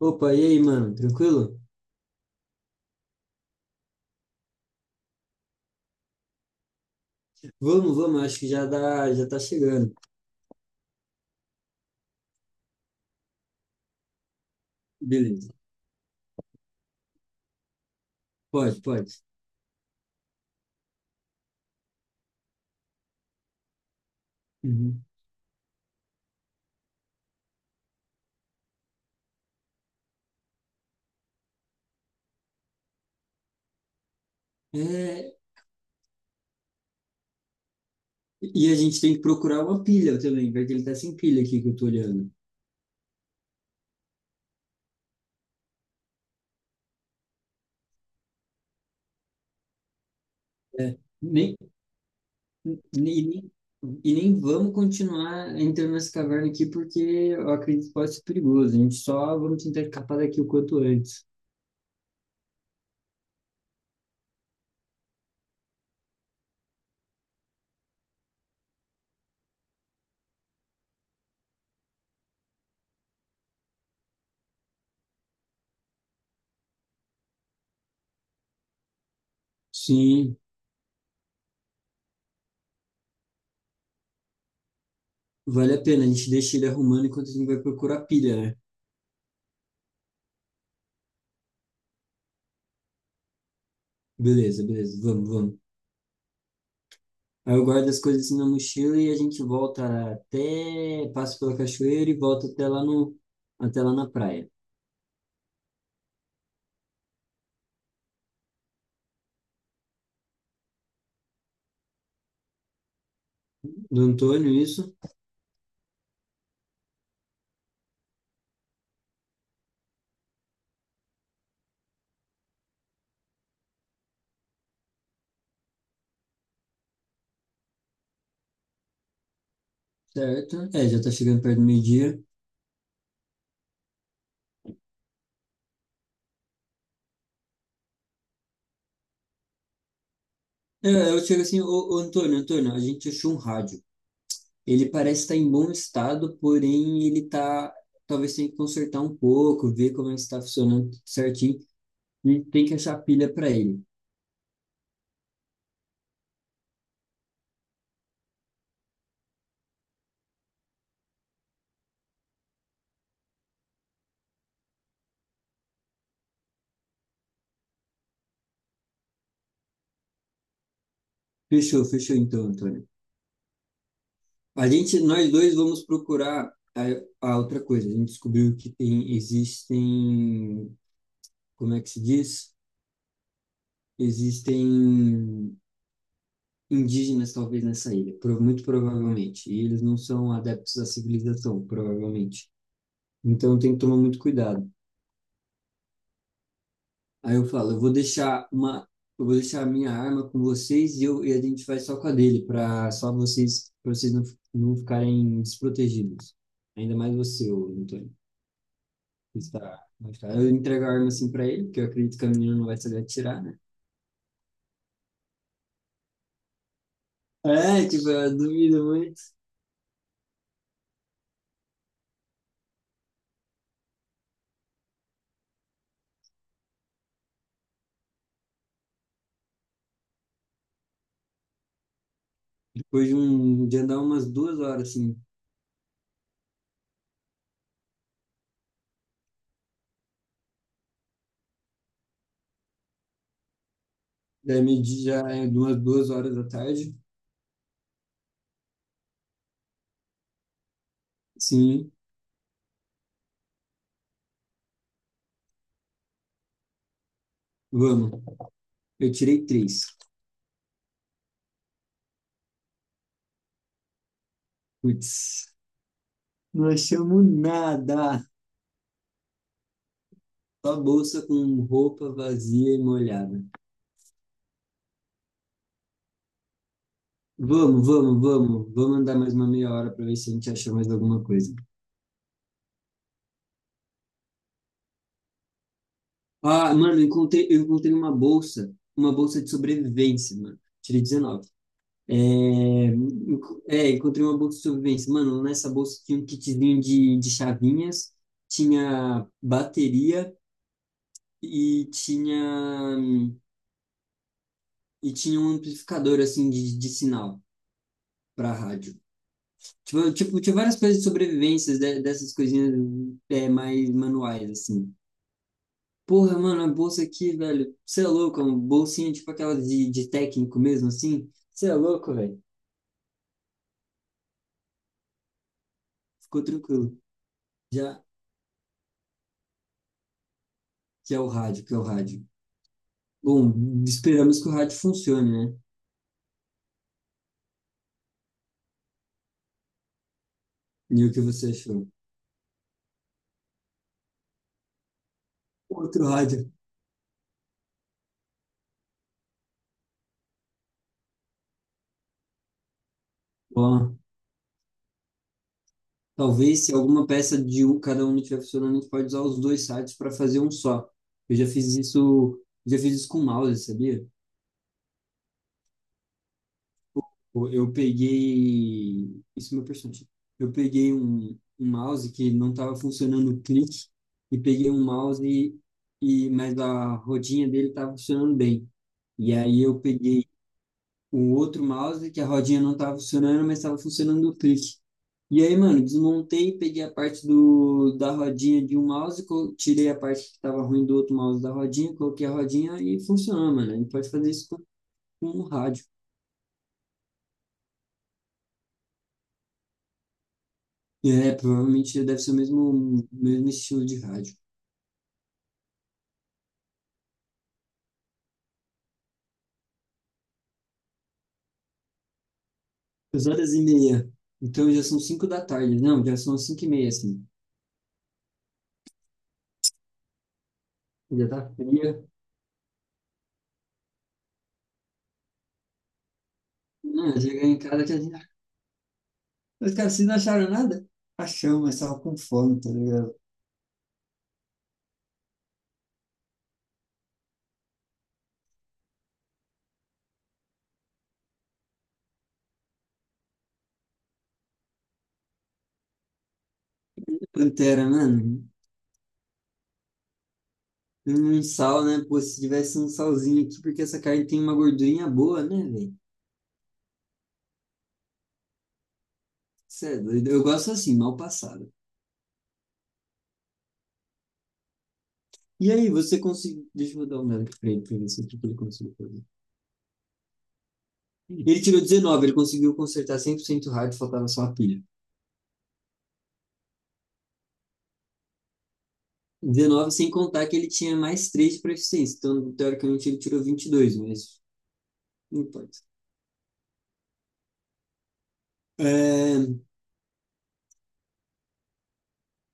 Opa, e aí, mano? Tranquilo? Vamos, vamos, acho que já dá, já tá chegando. Beleza. Pode, pode. Uhum. É, e a gente tem que procurar uma pilha também, porque ele tá sem pilha aqui que eu tô olhando. É, nem, nem, nem- e nem vamos continuar entrando nessa caverna aqui, porque eu acredito que pode ser perigoso. A gente só vamos tentar escapar daqui o quanto antes. Sim, vale a pena. A gente deixa ele arrumando enquanto a gente vai procurar pilha, né? Beleza, beleza. Vamos, vamos. Aí eu guardo as coisas assim na mochila e a gente volta passa pela cachoeira e volta até lá no, até lá na praia. Do Antônio, isso, certo? É, já tá chegando perto do meio-dia. É, eu chego assim, Antônio, a gente achou um rádio. Ele parece estar em bom estado, porém talvez tenha que consertar um pouco, ver como é que está funcionando tudo certinho. E tem que achar a pilha para ele. Fechou, fechou então, Antônio. A gente, nós dois vamos procurar a outra coisa. A gente descobriu que tem, existem, como é que se diz? Existem indígenas, talvez, nessa ilha, muito provavelmente. E eles não são adeptos à civilização, provavelmente. Então tem que tomar muito cuidado. Aí eu falo, eu vou deixar a minha arma com vocês e, eu, e a gente vai só com a dele, pra vocês não, não ficarem desprotegidos. Ainda mais você, ô Antônio. Está, está. Eu entrego a arma assim pra ele, porque eu acredito que a menina não vai saber atirar, né? É, tipo, eu duvido muito. Depois de andar umas 2 horas, assim, daí medir já é umas 2 horas da tarde, sim, vamos. Eu tirei 3. Putz, não achamos nada. Só bolsa com roupa vazia e molhada. Vamos, vamos, vamos. Vamos andar mais uma meia hora pra ver se a gente acha mais alguma coisa. Ah, mano, eu encontrei uma bolsa de sobrevivência, mano. Tirei 19. É, encontrei uma bolsa de sobrevivência. Mano, nessa bolsa tinha um kitzinho de chavinhas, tinha bateria e tinha, e tinha um amplificador, assim, de sinal para rádio. Tipo, tinha várias coisas de sobrevivência, dessas coisinhas é, mais manuais, assim. Porra, mano, a bolsa aqui, velho, você é louco, é uma bolsinha tipo aquela de técnico mesmo, assim. Você é louco, velho. Ficou tranquilo. Já, já é o rádio, que é o rádio. Bom, esperamos que o rádio funcione, né? E o que você achou? Outro rádio. Bom, talvez se alguma peça de um, cada um não estiver funcionando, a gente pode usar os dois sites para fazer um só. Eu já fiz isso com mouse, sabia? Eu peguei, isso é meu personagem. Eu peguei um mouse que não estava funcionando o clique e peguei um mouse e mas a rodinha dele estava funcionando bem. E aí eu peguei o outro mouse, que a rodinha não tava funcionando, mas tava funcionando o clique. E aí, mano, desmontei, peguei a parte da rodinha de um mouse, tirei a parte que tava ruim do outro mouse da rodinha, coloquei a rodinha e funciona, mano. A gente pode fazer isso com o rádio. É, provavelmente deve ser o mesmo, mesmo estilo de rádio. Duas horas e meia. Então já são 5 da tarde. Não, já são 5 e meia, assim. Já tá fria. Não, chegar em casa que a gente... Mas, cara, vocês não acharam nada? Achamos, mas tava com fome, tá ligado? Pantera, mano. Um sal, né? Pô, se tivesse um salzinho aqui, porque essa carne tem uma gordurinha boa, né, velho? Cê é doido. Eu gosto assim, mal passado. E aí, você conseguiu. Deixa eu dar uma olhada aqui pra ele, pra ver se o que que ele conseguiu fazer. Ele tirou 19, ele conseguiu consertar 100% hard, faltava só a pilha. 19, sem contar que ele tinha mais 3 para eficiência. Então, teoricamente, ele tirou 22, mas não importa. É,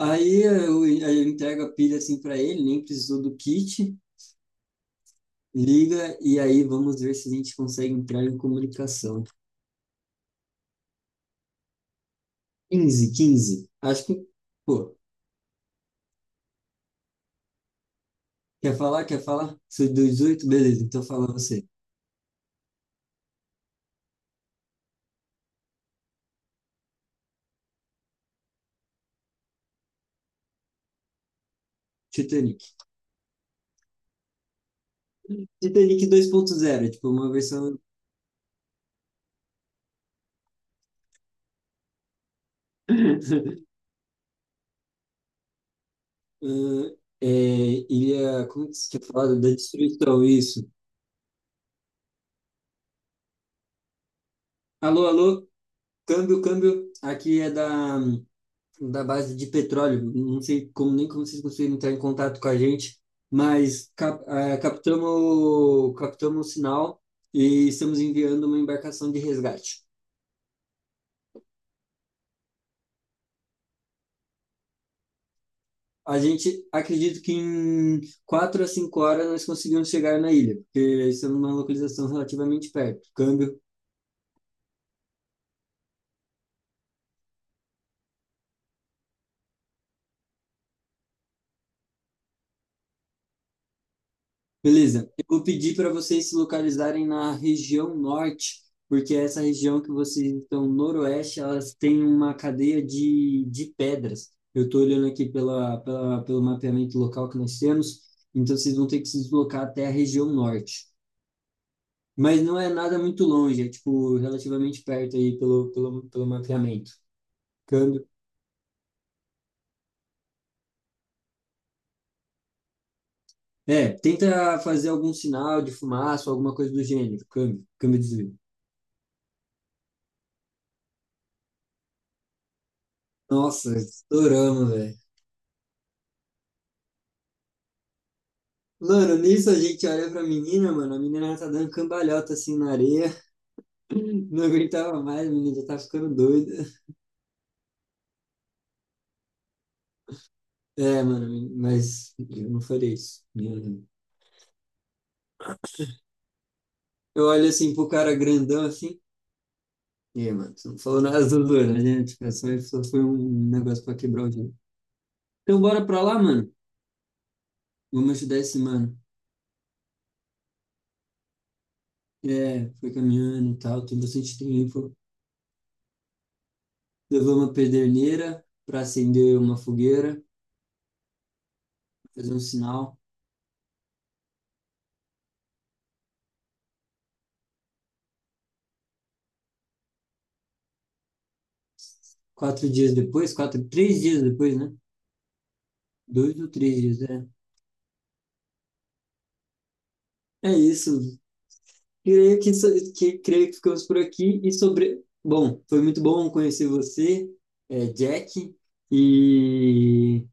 Aí eu entrego a pilha assim para ele, nem precisou do kit. Liga e aí vamos ver se a gente consegue entrar em comunicação. Quinze, quinze. Acho que, pô, quer falar? Quer falar? Sou 18? Beleza, então fala você. Titanic. Titanic 2.0 tipo, uma versão. Ah, é, ilha. Como que você tinha falado? Da destruição, isso. Alô, alô? Câmbio, câmbio. Aqui é da. Da base de petróleo. Não sei como nem como vocês conseguiram entrar em contato com a gente, mas captamos o sinal e estamos enviando uma embarcação de resgate. A gente acredita que em 4 a 5 horas nós conseguimos chegar na ilha, porque estamos numa localização relativamente perto. Câmbio. Beleza, eu vou pedir para vocês se localizarem na região norte, porque essa região que vocês estão noroeste, elas têm uma cadeia de pedras. Eu estou olhando aqui pelo mapeamento local que nós temos, então vocês vão ter que se deslocar até a região norte. Mas não é nada muito longe, é tipo relativamente perto aí pelo mapeamento. Câmbio. É, tenta fazer algum sinal de fumaça, alguma coisa do gênero. Câmbio, câmbio de desvio. Nossa, estouramos, velho. Mano, nisso a gente olha pra menina, mano. A menina tá dando cambalhota assim na areia. Não aguentava mais, a menina já tá ficando doida. É, mano, mas eu não faria isso. Eu olho assim pro cara grandão assim. E aí, mano, você não falou nada do doido, né? Tipo, é só, só foi um negócio pra quebrar o gelo. Então bora pra lá, mano. Vamos ajudar esse mano. É, foi caminhando e tal, tem bastante tempo. Levou uma pederneira pra acender uma fogueira, fazer um sinal. 4 dias depois, quatro, 3 dias depois, né? 2 ou 3 dias, é. É isso. Creio que, creio que ficamos por aqui. E sobre. Bom, foi muito bom conhecer você, é, Jack, e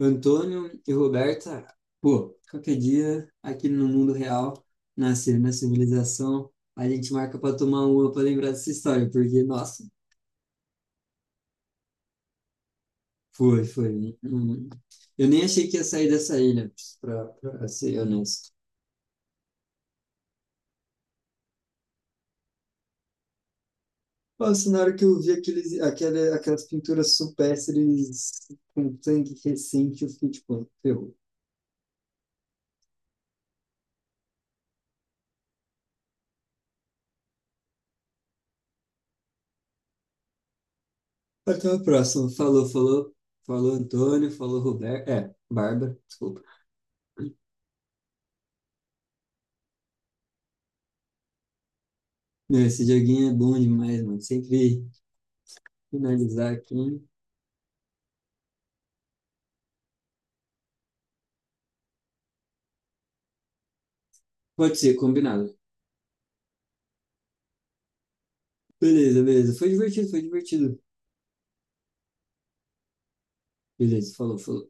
Antônio e Roberta. Pô, qualquer dia, aqui no mundo real, na, na civilização, a gente marca para tomar uma para lembrar dessa história, porque, nossa, foi, foi. Hum. Eu nem achei que ia sair dessa ilha, para ser honesto. Nossa, na hora que eu vi aqueles, aquela aquelas pinturas supérstires com sangue recente, eu fiquei tipo, ferrou. Até a próxima. Falou, falou. Falou Antônio, falou Roberto. É, Bárbara, desculpa. Meu, esse joguinho é bom demais, mano. Sempre finalizar aqui. Pode ser, combinado. Beleza, beleza. Foi divertido, foi divertido. Beleza, falou, falou.